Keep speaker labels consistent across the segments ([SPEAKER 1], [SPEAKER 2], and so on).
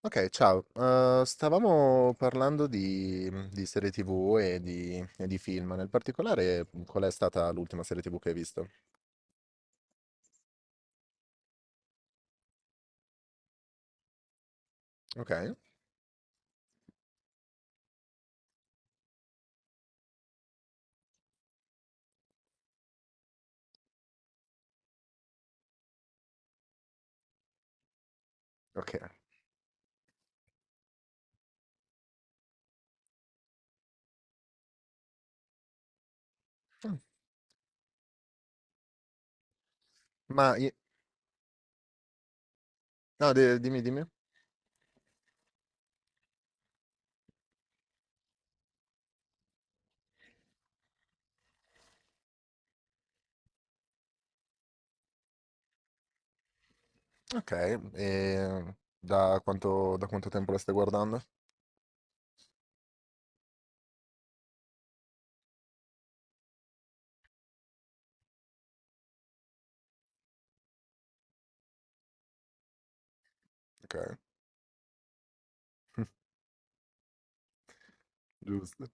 [SPEAKER 1] Ok, ciao. Stavamo parlando di, di serie TV e di film. Nel particolare, qual è stata l'ultima serie TV che hai visto? Ok, ok. Ma, i- no, de- Dimmi, dimmi. Ok, e da quanto tempo la stai guardando? Ok, giusto.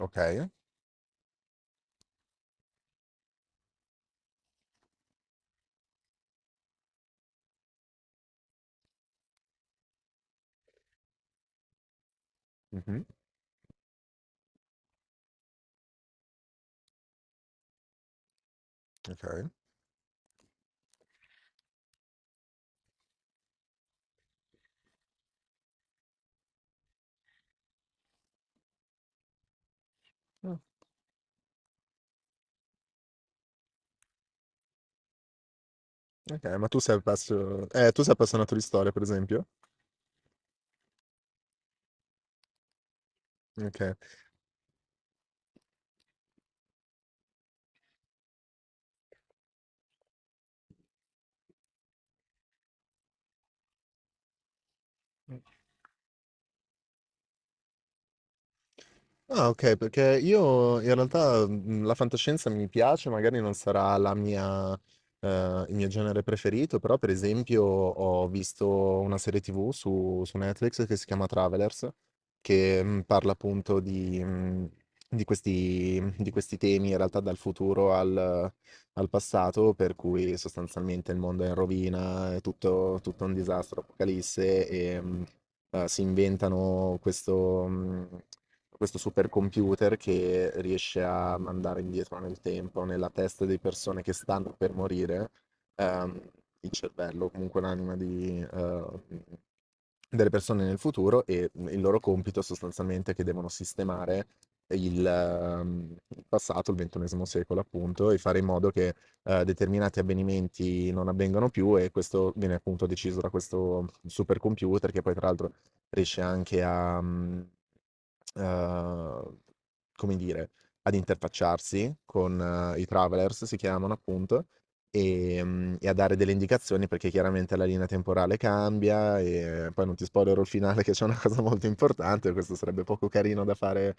[SPEAKER 1] Ok, mhm, ok. Ah, ok, tu sei appassionato di storia, per esempio? Ok. Ah, ok, perché io in realtà la fantascienza mi piace, magari non sarà la mia, il mio genere preferito, però per esempio ho visto una serie TV su, su Netflix che si chiama Travelers, che parla appunto di questi temi, in realtà dal futuro al, al passato, per cui sostanzialmente il mondo è in rovina, è tutto, tutto un disastro, apocalisse si inventano questo, questo supercomputer che riesce a mandare indietro nel tempo, nella testa di persone che stanno per morire, ehm, il cervello, comunque l'anima di, delle persone nel futuro e il loro compito sostanzialmente è che devono sistemare il passato, il ventunesimo secolo appunto, e fare in modo che determinati avvenimenti non avvengano più, e questo viene appunto deciso da questo supercomputer che poi tra l'altro riesce anche a, uhm, come dire, ad interfacciarsi con i travelers, si chiamano appunto, e a dare delle indicazioni perché chiaramente la linea temporale cambia, e poi non ti spoilerò il finale che c'è una cosa molto importante, questo sarebbe poco carino da fare,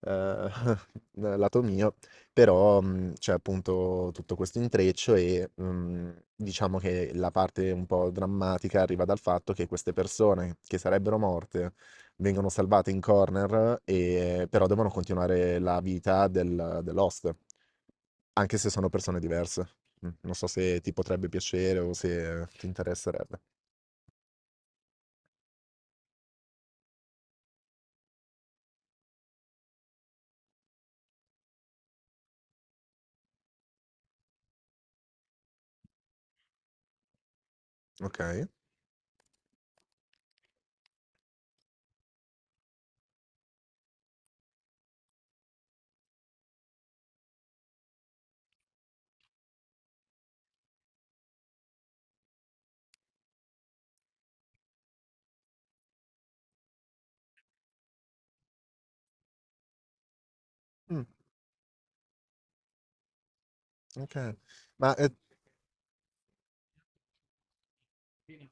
[SPEAKER 1] uhm, lato mio, però, c'è appunto tutto questo intreccio e, diciamo che la parte un po' drammatica arriva dal fatto che queste persone che sarebbero morte vengono salvate in corner e però devono continuare la vita dell'host, anche se sono persone diverse. Non so se ti potrebbe piacere o se ti interesserebbe. Okay. Mh, okay. Ma, ehm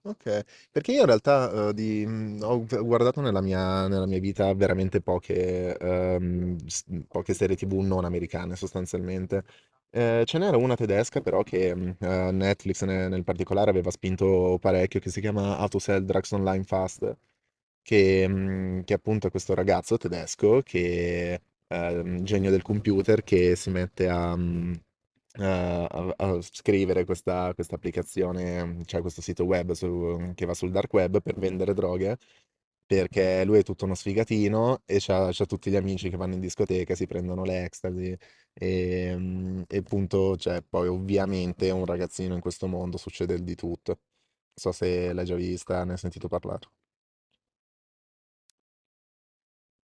[SPEAKER 1] Okay. Perché io in realtà, ho v guardato nella mia vita veramente poche poche serie TV non americane sostanzialmente. Ce n'era una tedesca però che, Netflix ne nel particolare aveva spinto parecchio, che si chiama How to Sell Drugs Online Fast, che, che appunto è questo ragazzo tedesco che genio del computer che si mette a mhmm, a a a scrivere questa applicazione, cioè questo sito web su che va sul dark web per vendere droghe, perché lui è tutto uno sfigatino e c'ha tutti gli amici che vanno in discoteca, si prendono l'ecstasy, e appunto cioè poi ovviamente un ragazzino in questo mondo succede di tutto. Non so se l'hai già vista, ne hai sentito parlar.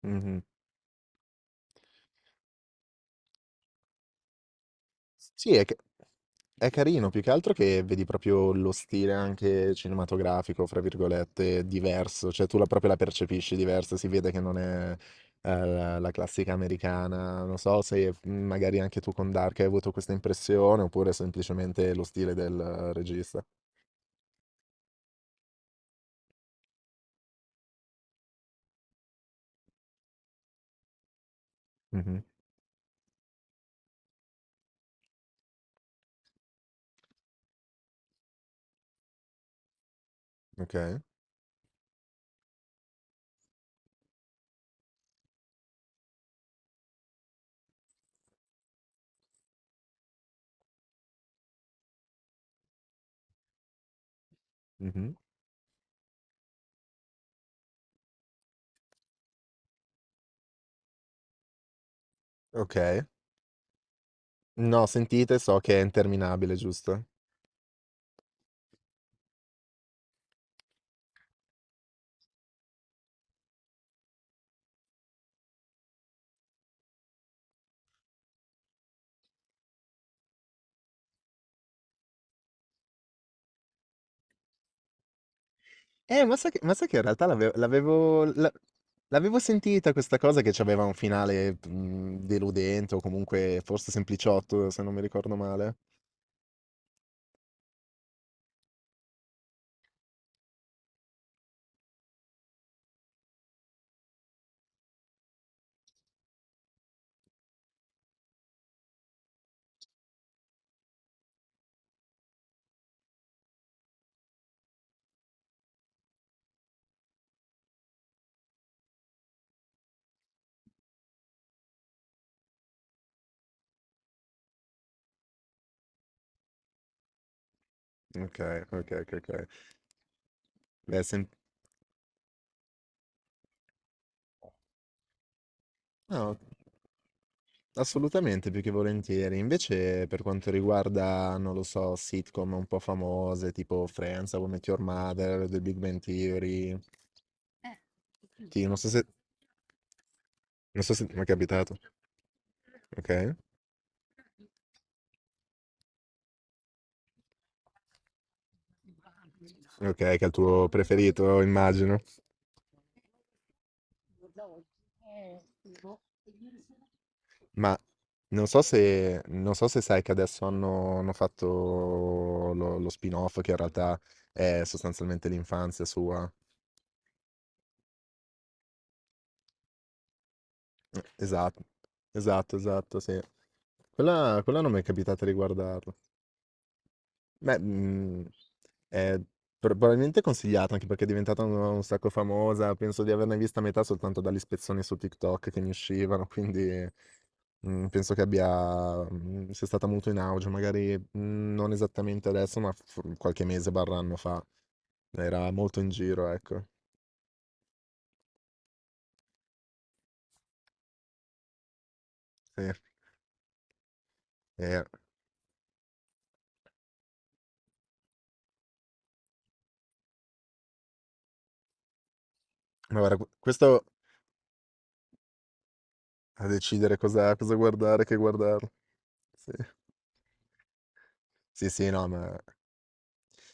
[SPEAKER 1] Mh-mh. Sì, è, ca- è carino, più che altro che vedi proprio lo stile anche cinematografico, fra virgolette, diverso, cioè tu la, proprio la percepisci diversa, si vede che non è la, la classica americana, non so se magari anche tu con Dark hai avuto questa impressione, oppure semplicemente lo stile del regista. Mhm, ok, mhm, ok. No, sentite, so che è interminabile, giusto? Ma sai che, ma sai che in realtà l'avevo sentita questa cosa che c'aveva un finale, deludente o comunque forse sempliciotto, se non mi ricordo male. Okay, okay, okay, okay. Beh, sem No, assolutamente, più che volentieri. Invece per quanto riguarda, non lo so, sitcom un po' famose, tipo Friends, How I Met Your Mother, The Big Bang Theory. Sì, non so se ti è mai capitato. Okay. Okay, che è il tuo preferito immagino. Ma non so se sai che adesso hanno fatto lo spin-off che in realtà è sostanzialmente l'infanzia sua. Esatto, esatto, esatto, sì. Quella non mi è capitata di guardarla. Beh, è probabilmente consigliata, anche perché è diventata un sacco famosa. Penso di averne vista metà soltanto dalle spezzoni su TikTok che mi uscivano, quindi, penso che abbia sia stata molto in auge, magari, non esattamente adesso, ma f qualche mese barra anno fa. Era molto in giro, ecco. Sì, eh, ma guarda q questo a decidere cosa cosa guardare, che guardarlo. Sì. Sì, sì, no, ma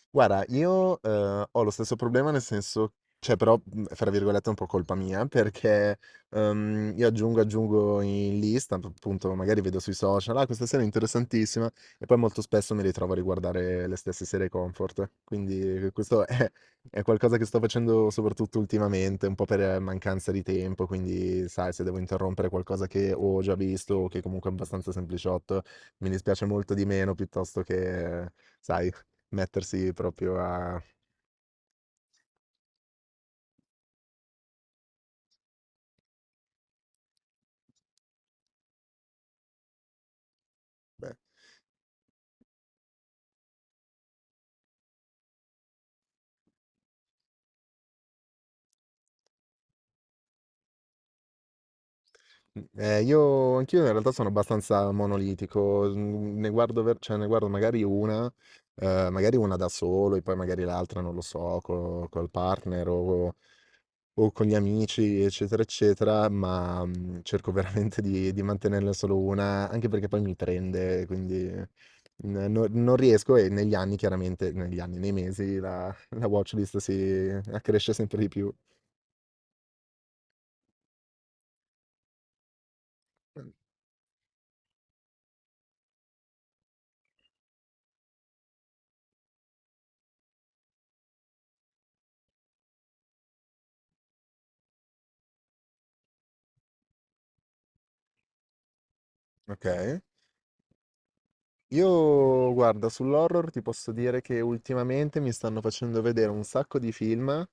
[SPEAKER 1] guarda, io, ho lo stesso problema, nel senso, cioè però, fra virgolette è un po' colpa mia, perché, io aggiungo, aggiungo in lista, p appunto magari vedo sui social: "Ah, questa serie è interessantissima", e poi molto spesso mi ritrovo a riguardare le stesse serie comfort. Quindi questo è qualcosa che sto facendo soprattutto ultimamente, un po' per mancanza di tempo, quindi sai, se devo interrompere qualcosa che ho già visto o che comunque è abbastanza sempliciotto, mi dispiace molto di meno, piuttosto che sai mettersi proprio a... Beh, io anch'io in realtà sono abbastanza monolitico, ne guardo ver cioè ne guardo magari una da solo e poi magari l'altra, non lo so, co col partner o con gli amici, eccetera, eccetera, ma, cerco veramente di mantenerne solo una, anche perché poi mi prende, quindi n no non riesco. E negli anni, chiaramente, nei mesi la la watch list si accresce sempre di più. Okay. Io guarda, sull'horror ti posso dire che ultimamente mi stanno facendo vedere un sacco di film,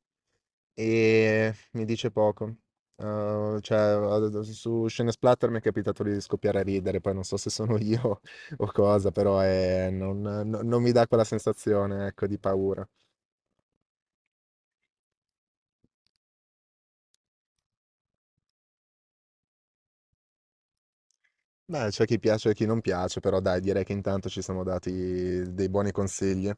[SPEAKER 1] e mi dice poco. Su Scene Splatter mi è capitato di scoppiare a ridere, poi non so se sono io o cosa, però non mi dà quella sensazione, ecco, di paura. Beh, c'è chi piace e chi non piace, però dai, direi che intanto ci siamo dati dei buoni consigli.